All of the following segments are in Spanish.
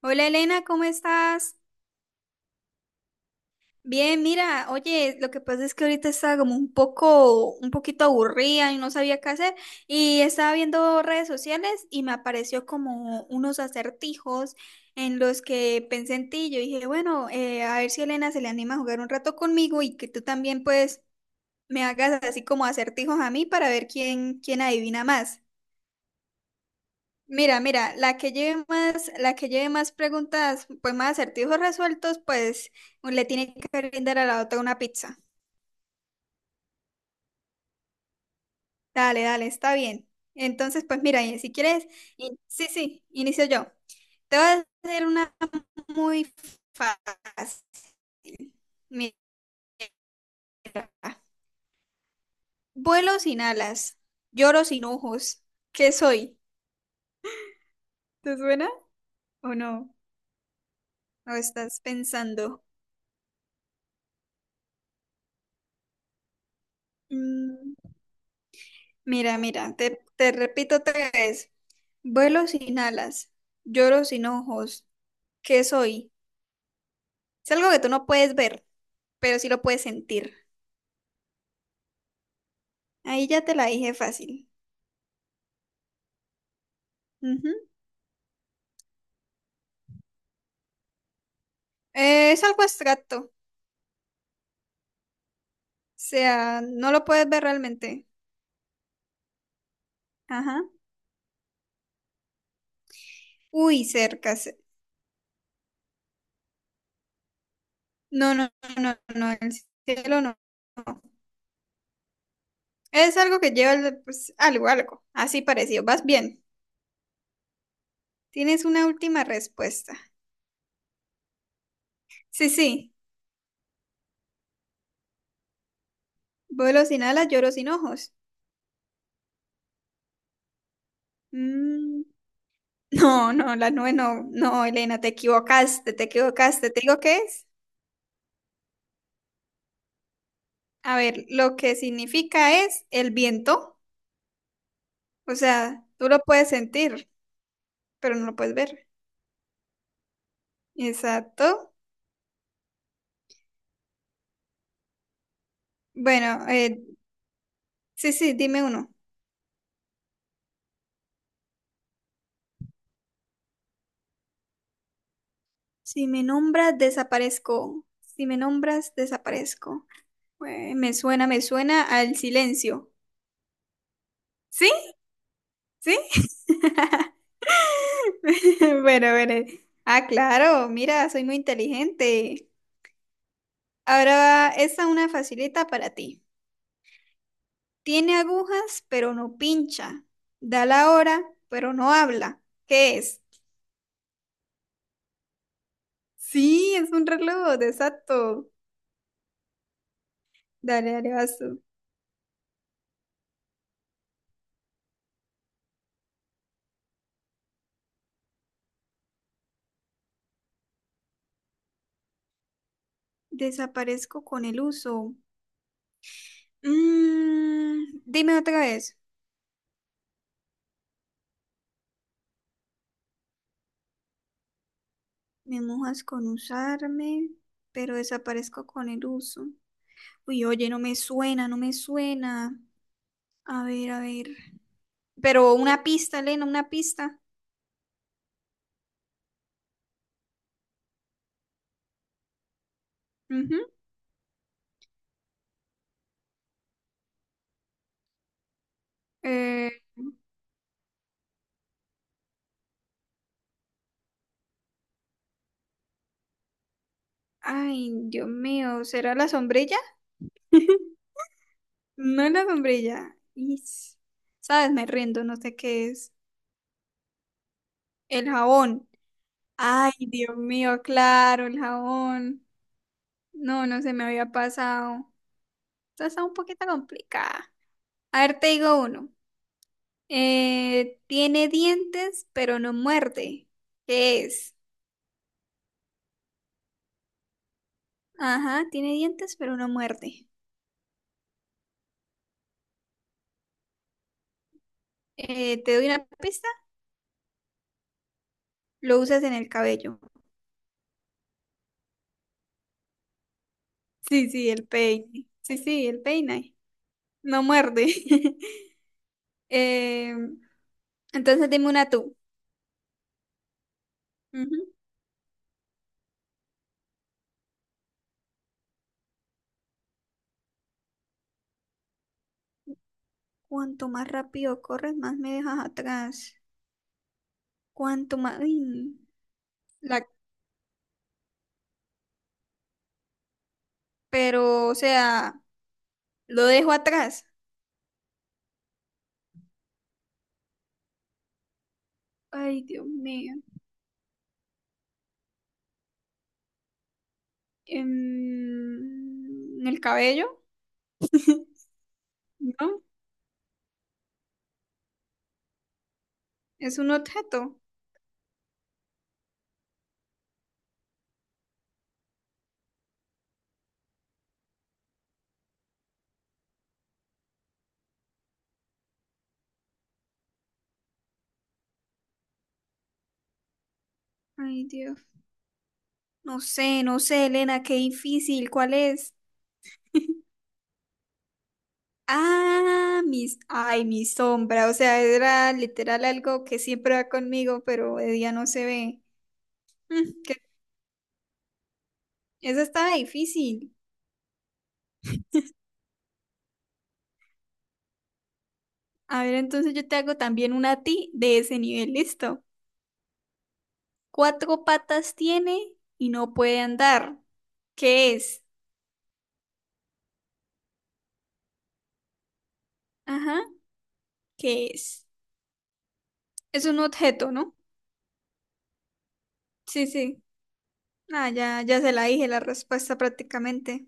Hola Elena, ¿cómo estás? Bien, mira, oye, lo que pasa es que ahorita estaba como un poco, un poquito aburrida y no sabía qué hacer, y estaba viendo redes sociales y me apareció como unos acertijos en los que pensé en ti. Yo dije, bueno, a ver si Elena se le anima a jugar un rato conmigo y que tú también pues me hagas así como acertijos a mí para ver quién, quién adivina más. Mira, mira, la que lleve más, la que lleve más preguntas, pues más acertijos resueltos, pues le tiene que brindar a la otra una pizza. Dale, dale, está bien. Entonces, pues mira, y si quieres, sí, sí, inicio yo. Te voy a hacer una muy fácil. Mira, vuelo sin alas, lloro sin ojos. ¿Qué soy? ¿Te suena o no? ¿O estás pensando? Mm, Mira, mira, te repito otra vez. Vuelo sin alas, lloro sin ojos. ¿Qué soy? Es algo que tú no puedes ver, pero sí lo puedes sentir. Ahí ya te la dije fácil. Ujú. Es algo abstracto. O sea, no lo puedes ver realmente. Ajá. Uy, cerca. No, no, no, no, el cielo no. No. Es algo que pues, algo, algo. Así parecido. Vas bien. Tienes una última respuesta. Sí, sí. Vuelo sin alas, lloro sin ojos. Mm, No, no, la nube no, no, Elena, te equivocaste, te equivocaste. ¿Te digo qué es? A ver, lo que significa es el viento. O sea, tú lo puedes sentir, pero no lo puedes ver. Exacto. Bueno, sí, sí, dime uno. Si me nombras, desaparezco. Si me nombras, desaparezco. Me suena al silencio. ¿Sí? ¿Sí? Bueno, bueno. Ah, claro, mira, soy muy inteligente. Ahora va, esta es una facilita para ti. Tiene agujas, pero no pincha. Da la hora, pero no habla. ¿Qué es? Sí, es un reloj, exacto. Dale, dale, vas tú. Desaparezco con el uso. Dime otra vez. Me mojas con usarme, pero desaparezco con el uso. Uy, oye, no me suena, no me suena. A ver, a ver. Pero una pista, Elena, una pista. Ujú. Eh, Ay, Dios mío, ¿será la sombrilla? No es la sombrilla. Is. ¿Sabes? Me rindo, no sé qué es. El jabón. Ay, Dios mío, claro, el jabón. No, no se me había pasado. Esta Está un poquito complicada. A ver, te digo uno. Tiene dientes, pero no muerde. ¿Qué es? Ajá, tiene dientes, pero no muerde. Te doy una pista. Lo usas en el cabello. Sí, sí, el peine. Sí, sí, el peine. No muerde. Eh, entonces dime una tú. Ujú. Cuanto más rápido corres, más me dejas atrás. Cuanto más... Uy, la... Pero, o sea, lo dejo atrás. Ay, Dios mío. ¿El cabello? ¿No? ¿Es un objeto? Ay, Dios. No sé, no sé, Elena, qué difícil. ¿Cuál es? Ah, mis, ay, mi sombra, o sea, era literal algo que siempre va conmigo, pero de día no se ve. Mm, que- esa estaba difícil. A ver, entonces yo te hago también una a ti de ese nivel, listo. Cuatro patas tiene y no puede andar. ¿Qué es? Ajá, ¿qué es? Es un objeto, ¿no? Sí, sí. Ah, ya, ya se la dije la respuesta prácticamente.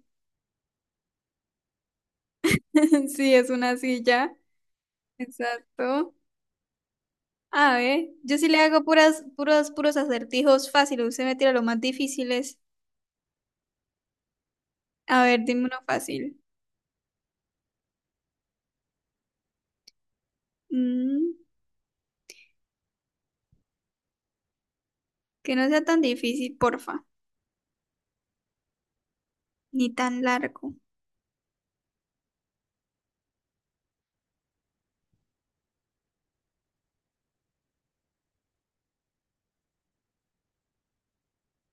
Sí, es una silla. Exacto. A ver, yo sí le hago puras, puros acertijos fáciles. Usted me tira los más difíciles. A ver, dime uno fácil. Mm, que no sea tan difícil, porfa. Ni tan largo.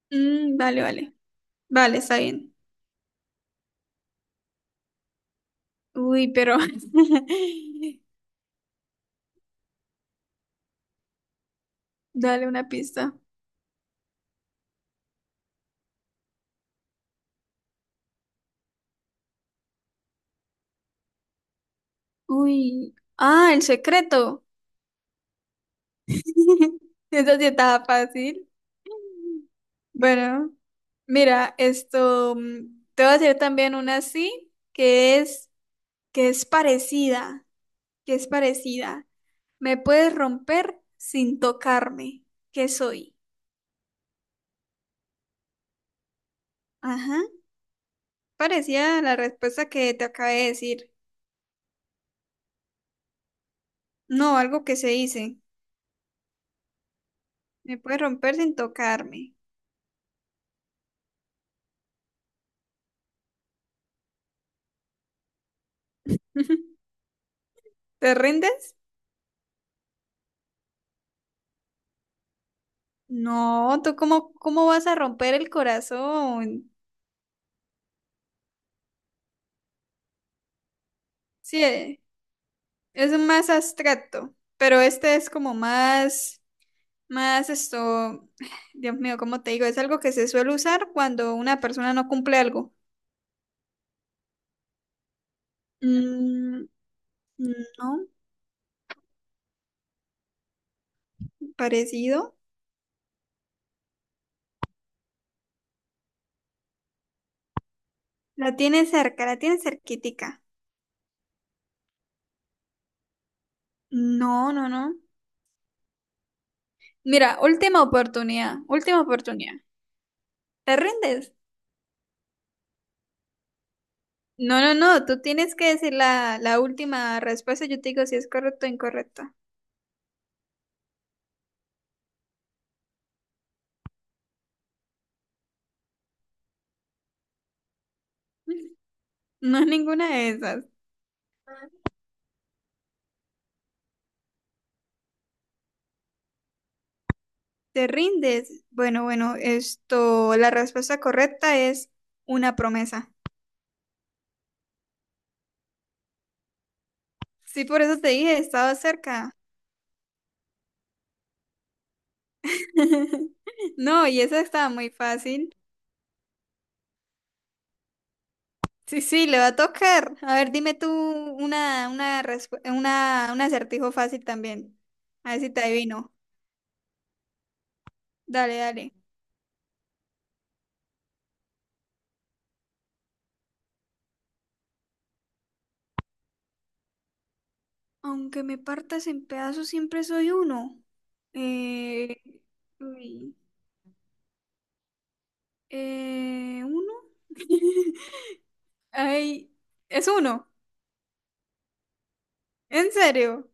Mm, vale, vale. Vale, está bien. Uy, pero. Dale una pista. Uy. Ah, el secreto. Eso sí estaba fácil. Bueno, mira, Te voy a hacer también una así, que es parecida. que es parecida. Me puedes romper sin tocarme. ¿Qué soy? Ajá. Parecía la respuesta que te acabé de decir. No, algo que se dice. Me puedes romper sin tocarme. ¿Te rindes? No, ¿tú cómo, cómo vas a romper el corazón? Sí, es más abstracto, pero este es como más, más esto, Dios mío, ¿cómo te digo? Es algo que se suele usar cuando una persona no cumple algo. Mm, no, parecido. La tiene cerca, la tiene cerquitica. No, no, no. Mira, última oportunidad, última oportunidad. ¿Te rindes? No, no, no, tú tienes que decir la última respuesta, yo te digo si es correcto o incorrecto. No es ninguna de esas. ¿Te rindes? Bueno, bueno, esto, la respuesta correcta es una promesa. Sí, por eso te dije, estaba cerca. No, y esa estaba muy fácil. Sí, sí, le va a tocar. A ver, dime tú una, un acertijo fácil también. A ver si te adivino. Dale, dale. Aunque me partas en pedazos, siempre soy uno. Eh, uy, ¿Uno? Ay, es uno. ¿En serio?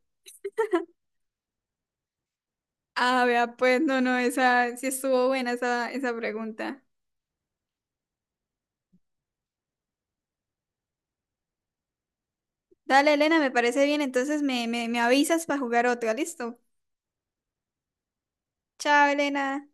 Ah, vea, pues no, no, esa sí estuvo buena esa, esa pregunta. Dale, Elena, me parece bien. Entonces me avisas para jugar otro. ¿Listo? Chao, Elena.